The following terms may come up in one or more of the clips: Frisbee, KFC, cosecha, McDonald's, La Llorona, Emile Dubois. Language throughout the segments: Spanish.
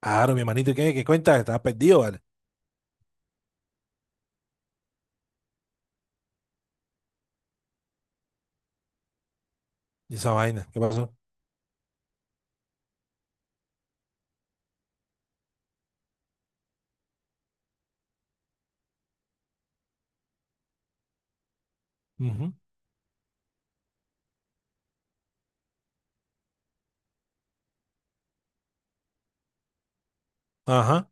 Claro, mi hermanito, ¿y qué cuenta? Estaba perdido, ¿vale? Y esa vaina, ¿qué pasó? Ujú. Ajá,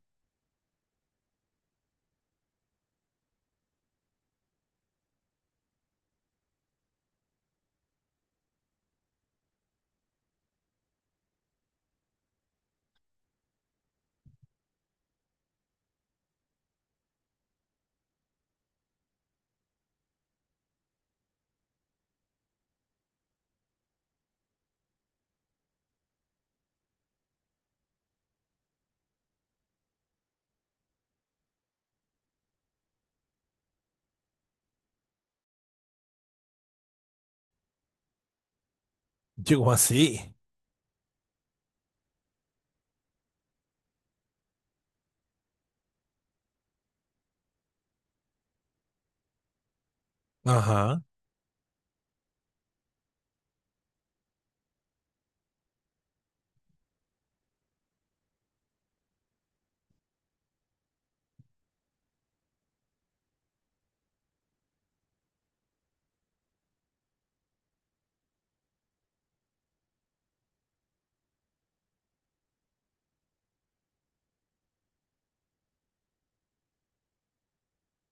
llegó así. Ajá.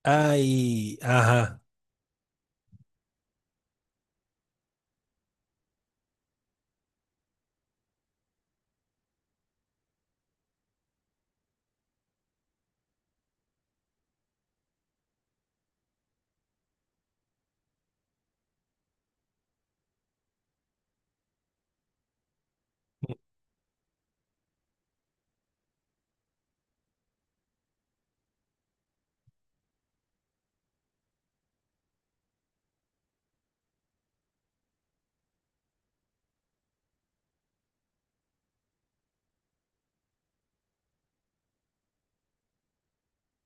Ay, ajá.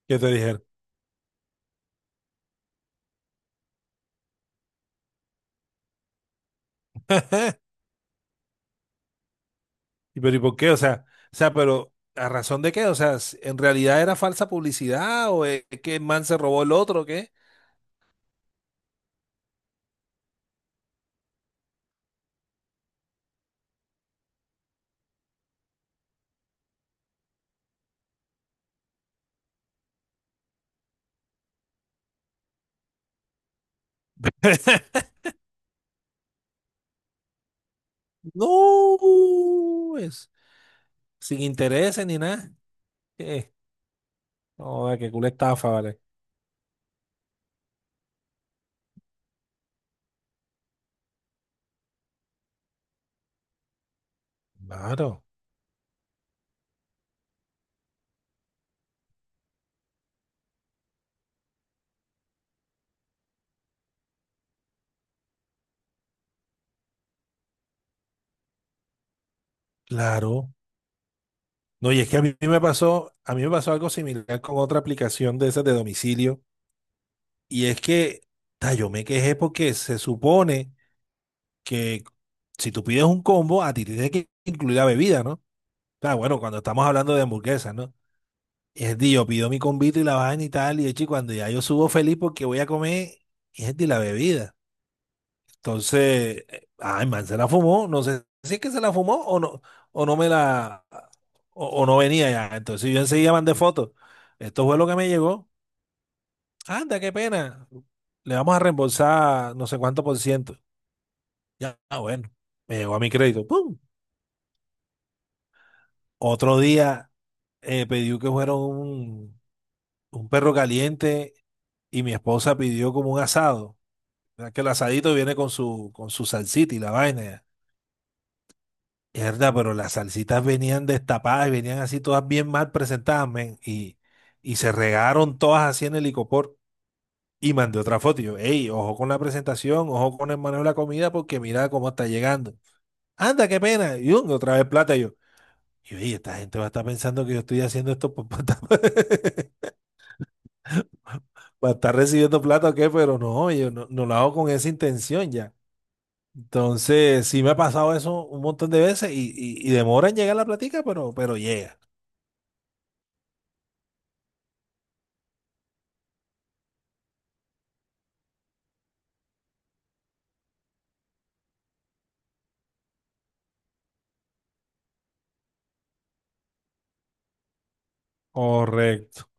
¿Qué te dijeron? ¿Y pero y por qué? O sea, pero ¿a razón de qué? O sea, ¿en realidad era falsa publicidad o es que el man se robó el otro o qué? No, es sin intereses ni nada. Eh, no, qué culo estafa, ¿vale? Claro, claro. No, y es que a mí me pasó algo similar con otra aplicación de esas de domicilio. Y es que, yo me quejé porque se supone que si tú pides un combo, a ti te tiene que incluir la bebida, ¿no? Está bueno, cuando estamos hablando de hamburguesas, ¿no? Es de yo pido mi combito y la vaina y tal, y de hecho, cuando ya yo subo feliz porque voy a comer, es de la bebida. Entonces, ay, man, se la fumó. No sé si es que se la fumó o no, o no me la, o no venía ya. Entonces yo enseguida mandé fotos. Esto fue lo que me llegó. Anda, qué pena. Le vamos a reembolsar no sé cuánto por ciento. Ya, ah, bueno, me llegó a mi crédito. ¡Pum! Otro día pedí que fuera un perro caliente y mi esposa pidió como un asado. O sea, que el asadito viene con su salsita y la vaina. Mierda, pero las salsitas venían destapadas y venían así todas bien mal presentadas, men. Y se regaron todas así en el licopor. Y mandé otra foto. Y yo, ey, ojo con la presentación, ojo con el manejo de la comida, porque mira cómo está llegando. Anda, qué pena. Y otra vez plata. Y yo, ey, esta gente va a estar pensando que yo estoy haciendo esto para estar recibiendo plata o qué, pero no, yo no lo hago con esa intención ya. Entonces, sí me ha pasado eso un montón de veces y demora en llegar la platica, pero llega. Correcto.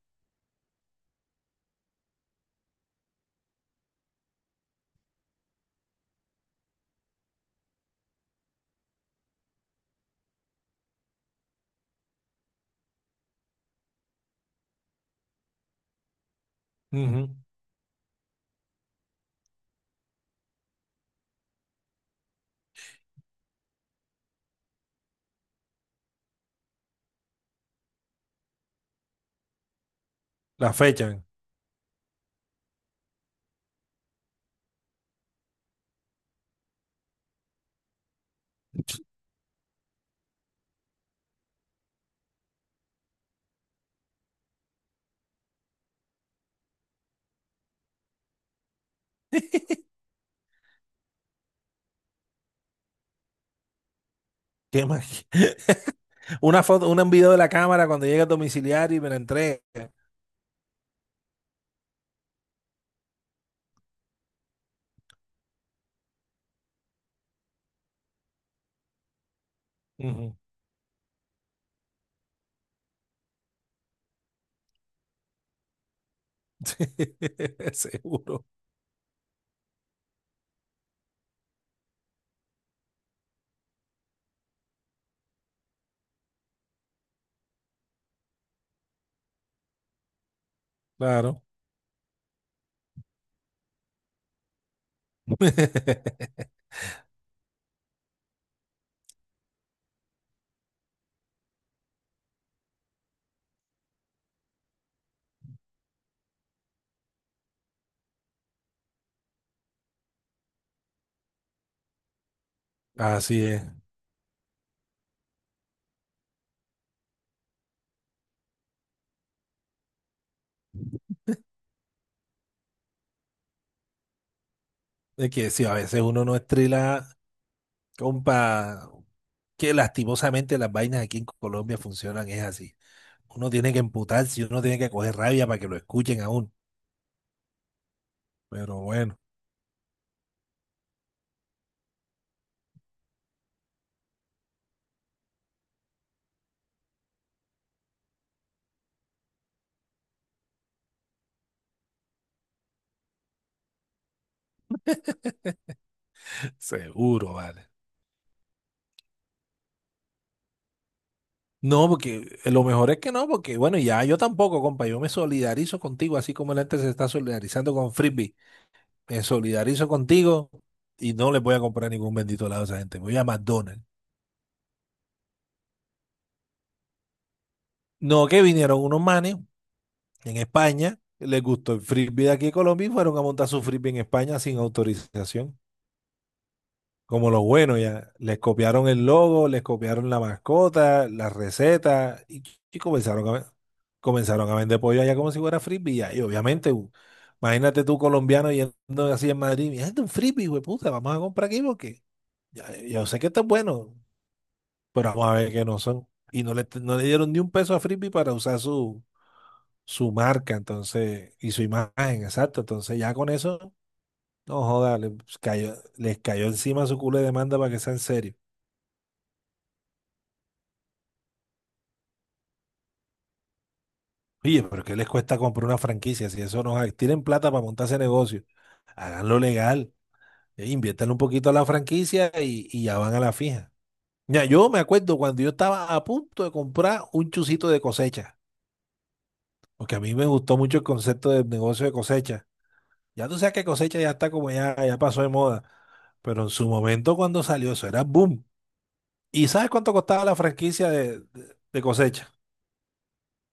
Ujú. La fecha. ¿Qué más? Una foto, un video de la cámara cuando llega el domiciliario y me la entrega. Ujú. Seguro. Claro. Así es. Es que sí, a veces uno no estrila, compa, que lastimosamente las vainas aquí en Colombia funcionan, es así. Uno tiene que emputarse, uno tiene que coger rabia para que lo escuchen aún. Pero bueno, seguro, vale. No, porque lo mejor es que no, porque bueno, ya yo tampoco, compa, yo me solidarizo contigo, así como la gente se está solidarizando con Frisbee, me solidarizo contigo y no les voy a comprar ningún bendito lado a esa gente, voy a McDonald's. No, que vinieron unos manes en España, les gustó el Frisbee de aquí de Colombia y fueron a montar su Frisbee en España sin autorización. Como los buenos ya. Les copiaron el logo, les copiaron la mascota, la receta y, y comenzaron a vender pollo allá como si fuera frisbee. Ya. Y obviamente, imagínate tú colombiano yendo así en Madrid. Mira, este es un frisbee, güey, puta, vamos a comprar aquí porque ya, yo sé que está bueno, pero vamos a ver que no son. Y no le dieron ni un peso a frisbee para usar su marca, entonces, y su imagen, exacto. Entonces ya con eso, no joda, les cayó encima su culo de demanda para que sea en serio. Oye, pero ¿qué les cuesta comprar una franquicia? Si eso no es, tienen plata para montar ese negocio, háganlo legal, inviértanle un poquito a la franquicia y ya van a la fija. Ya, yo me acuerdo cuando yo estaba a punto de comprar un chucito de cosecha, porque a mí me gustó mucho el concepto del negocio de cosecha. Ya tú sabes que cosecha ya está como ya pasó de moda, pero en su momento cuando salió eso era boom. ¿Y sabes cuánto costaba la franquicia de cosecha?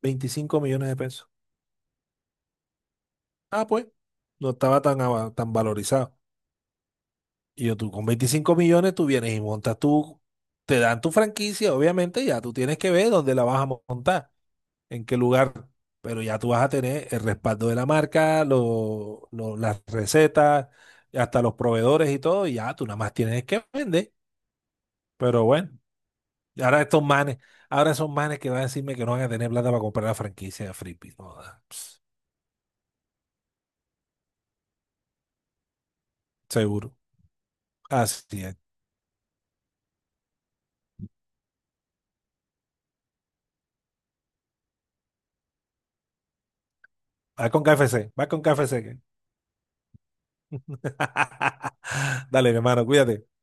25 millones de pesos. Ah, pues, no estaba tan valorizado. Y yo, tú con 25 millones, tú vienes y montas tú, te dan tu franquicia, obviamente, ya tú tienes que ver dónde la vas a montar, en qué lugar, pero ya tú vas a tener el respaldo de la marca, las recetas, hasta los proveedores y todo, y ya tú nada más tienes que vender. Pero bueno, y ahora estos manes, ahora son manes que van a decirme que no van a tener plata para comprar la franquicia de Frisbee. No, da, ps, seguro. Así es. Va con KFC, va con KFC. Dale, mi hermano, cuídate.